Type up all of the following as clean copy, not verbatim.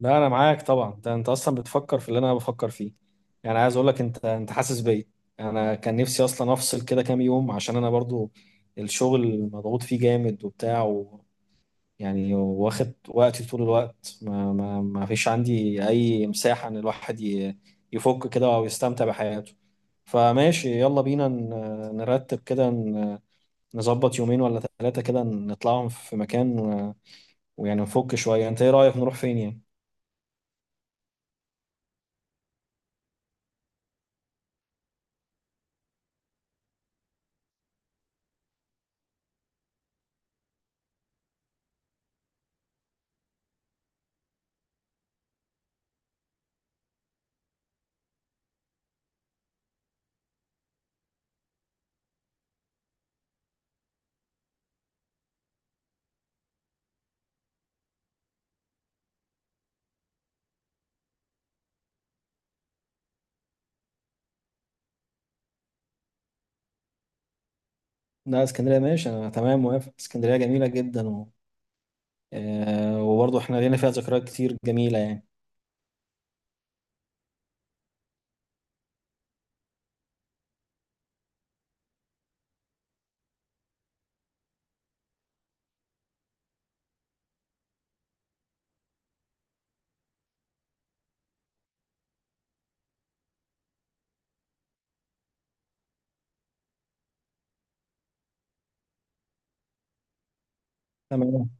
لا انا معاك طبعا. انت اصلا بتفكر في اللي انا بفكر فيه. يعني عايز اقول لك انت حاسس بيا. انا كان نفسي اصلا افصل كده كام يوم، عشان انا برضو الشغل مضغوط فيه جامد وبتاع، و يعني واخد وقتي طول الوقت. ما فيش عندي اي مساحة ان الواحد يفك كده او يستمتع بحياته. فماشي، يلا بينا نرتب كده، نظبط يومين ولا 3 كده، نطلعهم في مكان، ويعني نفك شوية. انت ايه رأيك نروح فين يعني؟ لا، اسكندرية ماشي. أنا تمام، موافق، اسكندرية جميلة جدا آه، وبرضه احنا لينا فيها ذكريات كتير جميلة يعني. تمام.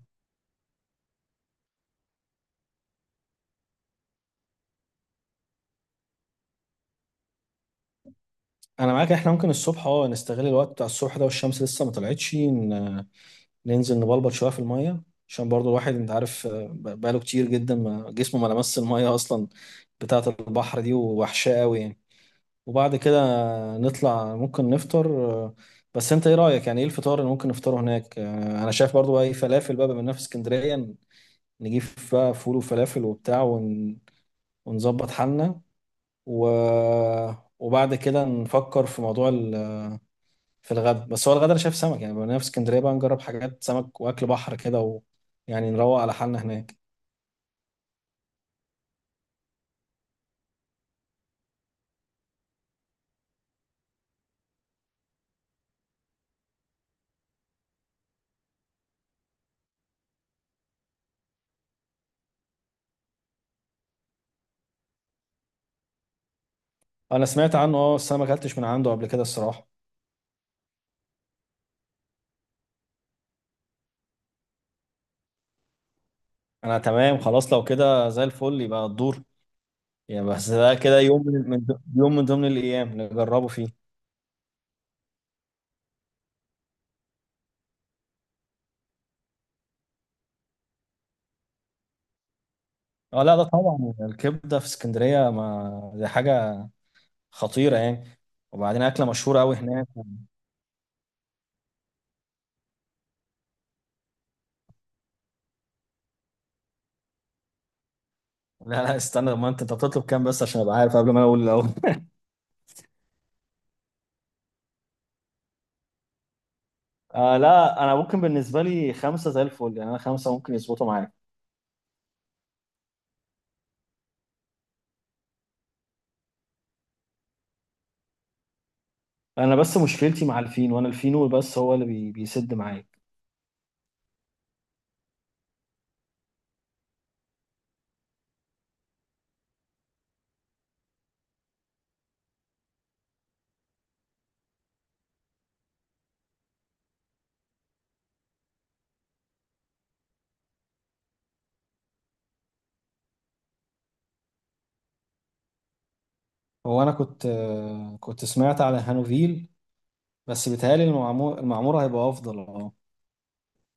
أنا معاك، احنا ممكن الصبح نستغل الوقت بتاع الصبح ده والشمس لسه ما طلعتش. ننزل نبلبط شوية في المية، عشان برضه الواحد أنت عارف، بقاله كتير جدا ما جسمه ما لمس المية أصلا بتاعة البحر دي، ووحشاه قوي يعني. وبعد كده نطلع ممكن نفطر. آه، بس أنت إيه رأيك، يعني إيه الفطار اللي ممكن نفطره هناك؟ أنا شايف برضه أي فلافل بقى، بما إننا في اسكندرية، نجيب بقى فول وفلافل وبتاع، ونظبط حالنا، و... وبعد كده نفكر في موضوع في الغدا. بس هو الغدا انا شايف سمك، يعني بما إننا في اسكندريه بقى نجرب حاجات سمك واكل بحر كده، يعني نروق على حالنا هناك. انا سمعت عنه اه، بس انا ما اكلتش من عنده قبل كده الصراحه. انا تمام خلاص، لو كده زي الفل، يبقى الدور يعني. بس ده كده يوم من ضمن الايام نجربه فيه. اه لا، ده طبعا الكبده في اسكندريه، ما دي حاجه خطيره يعني، وبعدين اكله مشهوره قوي هناك. لا لا، استنى، ما انت بتطلب كام بس عشان ابقى عارف قبل ما انا اقول الاول. لا انا ممكن بالنسبه لي خمسه زي الفل، يعني انا خمسه ممكن يظبطوا معايا. انا بس مشكلتي مع الفينو، انا الفينو بس هو اللي بيسد معايا. هو انا كنت سمعت على هانوفيل، بس بيتهيألي المعموره هيبقى افضل اه.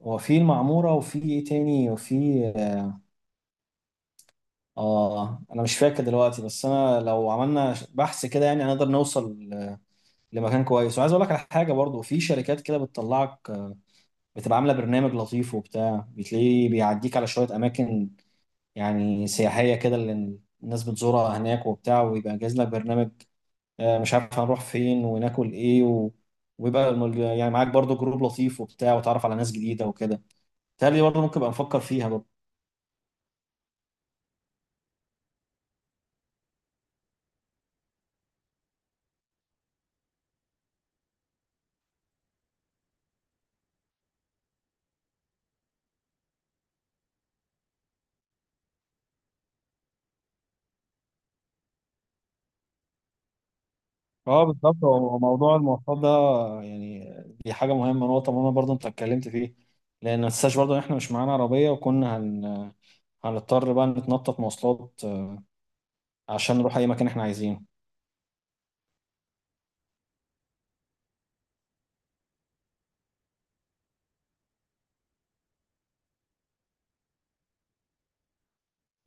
هو في المعموره وفي ايه تاني وفي، اه انا مش فاكر دلوقتي، بس انا لو عملنا بحث كده يعني هنقدر نوصل لمكان كويس. وعايز اقول لك على حاجه برضو، في شركات كده بتطلعك، بتبقى عامله برنامج لطيف وبتاع، بتلاقيه بيعديك على شويه اماكن يعني سياحيه كده اللي الناس بتزورها هناك وبتاع، ويبقى جاهز لك برنامج، مش عارف هنروح فين وناكل ايه، ويبقى يعني معاك برضو جروب لطيف وبتاع، وتعرف على ناس جديده وكده. تالي برضو ممكن ابقى نفكر فيها برضو. اه بالظبط، هو موضوع المواصلات ده يعني، دي حاجه مهمه، نقطه مهمه برضو انت اتكلمت فيه، لان ما تنساش برضو ان احنا مش معانا عربيه، وكنا هنضطر بقى نتنطط مواصلات، عشان نروح اي مكان احنا عايزينه.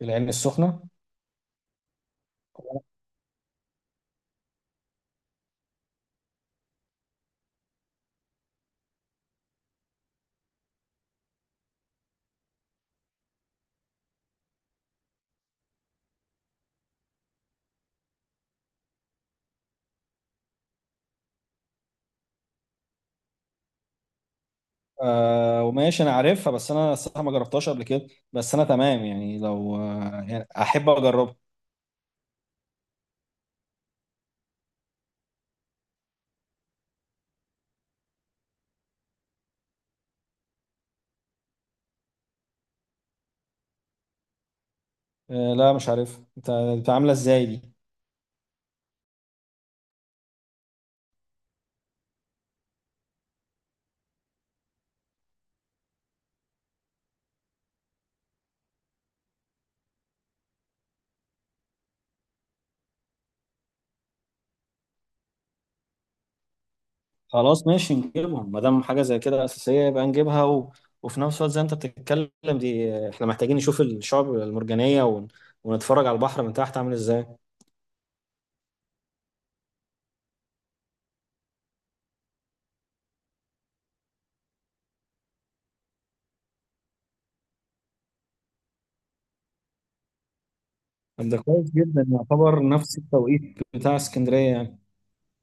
العين السخنة. وماشي، أنا عارفها، بس أنا الصراحة ما جربتهاش قبل كده، بس أنا تمام يعني، لو يعني أحب أجربها. لا، مش عارف أنت أنت عاملة إزاي دي. خلاص ماشي، نجيبها ما دام حاجة زي كده أساسية، يبقى نجيبها، وفي نفس الوقت زي ما أنت بتتكلم دي، إحنا محتاجين نشوف الشعب المرجانية، ونتفرج على البحر من تحت عامل إزاي. طب ده كويس جدا، يعتبر نفس التوقيت بتاع اسكندرية يعني،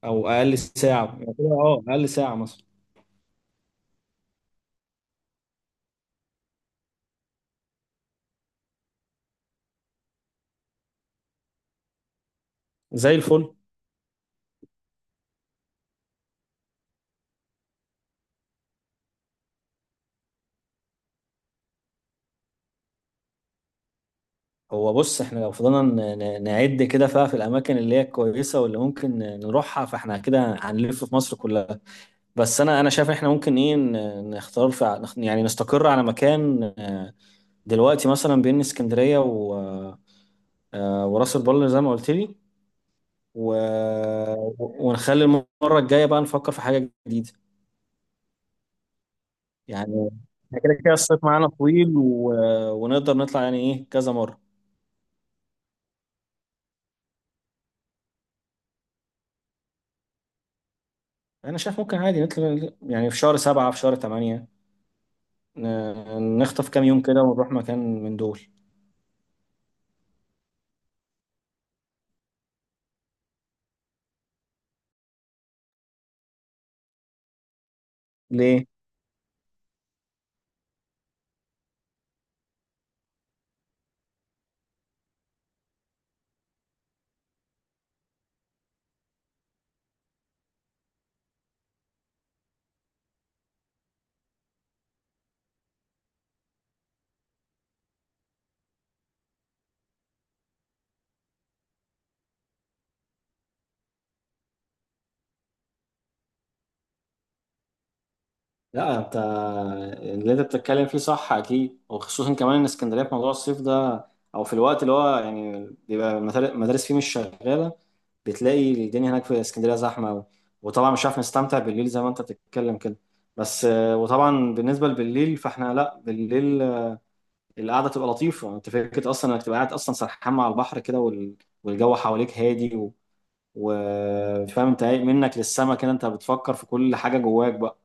أو أقل ساعة يعني كده، أقل ساعة مثلا. زي الفل. هو بص، احنا لو فضلنا نعد كده فيها في الاماكن اللي هي كويسه واللي ممكن نروحها، فاحنا كده هنلف في مصر كلها. بس انا شايف احنا ممكن ايه، ن- نختار في ع- نخ- يعني نستقر على مكان، دلوقتي، مثلا بين اسكندريه وراس البر زي ما قلت لي، و... ونخلي المره الجايه بقى نفكر في حاجه جديده. يعني احنا كده كده الصيف معانا طويل، ونقدر نطلع يعني ايه كذا مره. انا شايف ممكن عادي نطلع، يعني في شهر 7 في شهر 8، نخطف كام يوم كده ونروح مكان من دول. ليه؟ لا، انت اللي انت بتتكلم فيه صح اكيد، وخصوصا كمان ان اسكندريه في موضوع الصيف ده، او في الوقت اللي هو يعني بيبقى المدارس فيه مش شغاله، بتلاقي الدنيا هناك في اسكندريه زحمه قوي، وطبعا مش عارف نستمتع بالليل زي ما انت بتتكلم كده. بس وطبعا بالنسبه لبالليل، فاحنا لا، بالليل القعده تبقى لطيفه. انت فكره اصلا انك تبقى قاعد اصلا سرحان مع البحر كده، والجو حواليك هادي، وفاهم انت منك للسما كده، انت بتفكر في كل حاجة جواك بقى.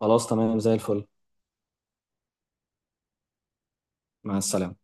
خلاص، تمام، زي الفل. مع السلامة.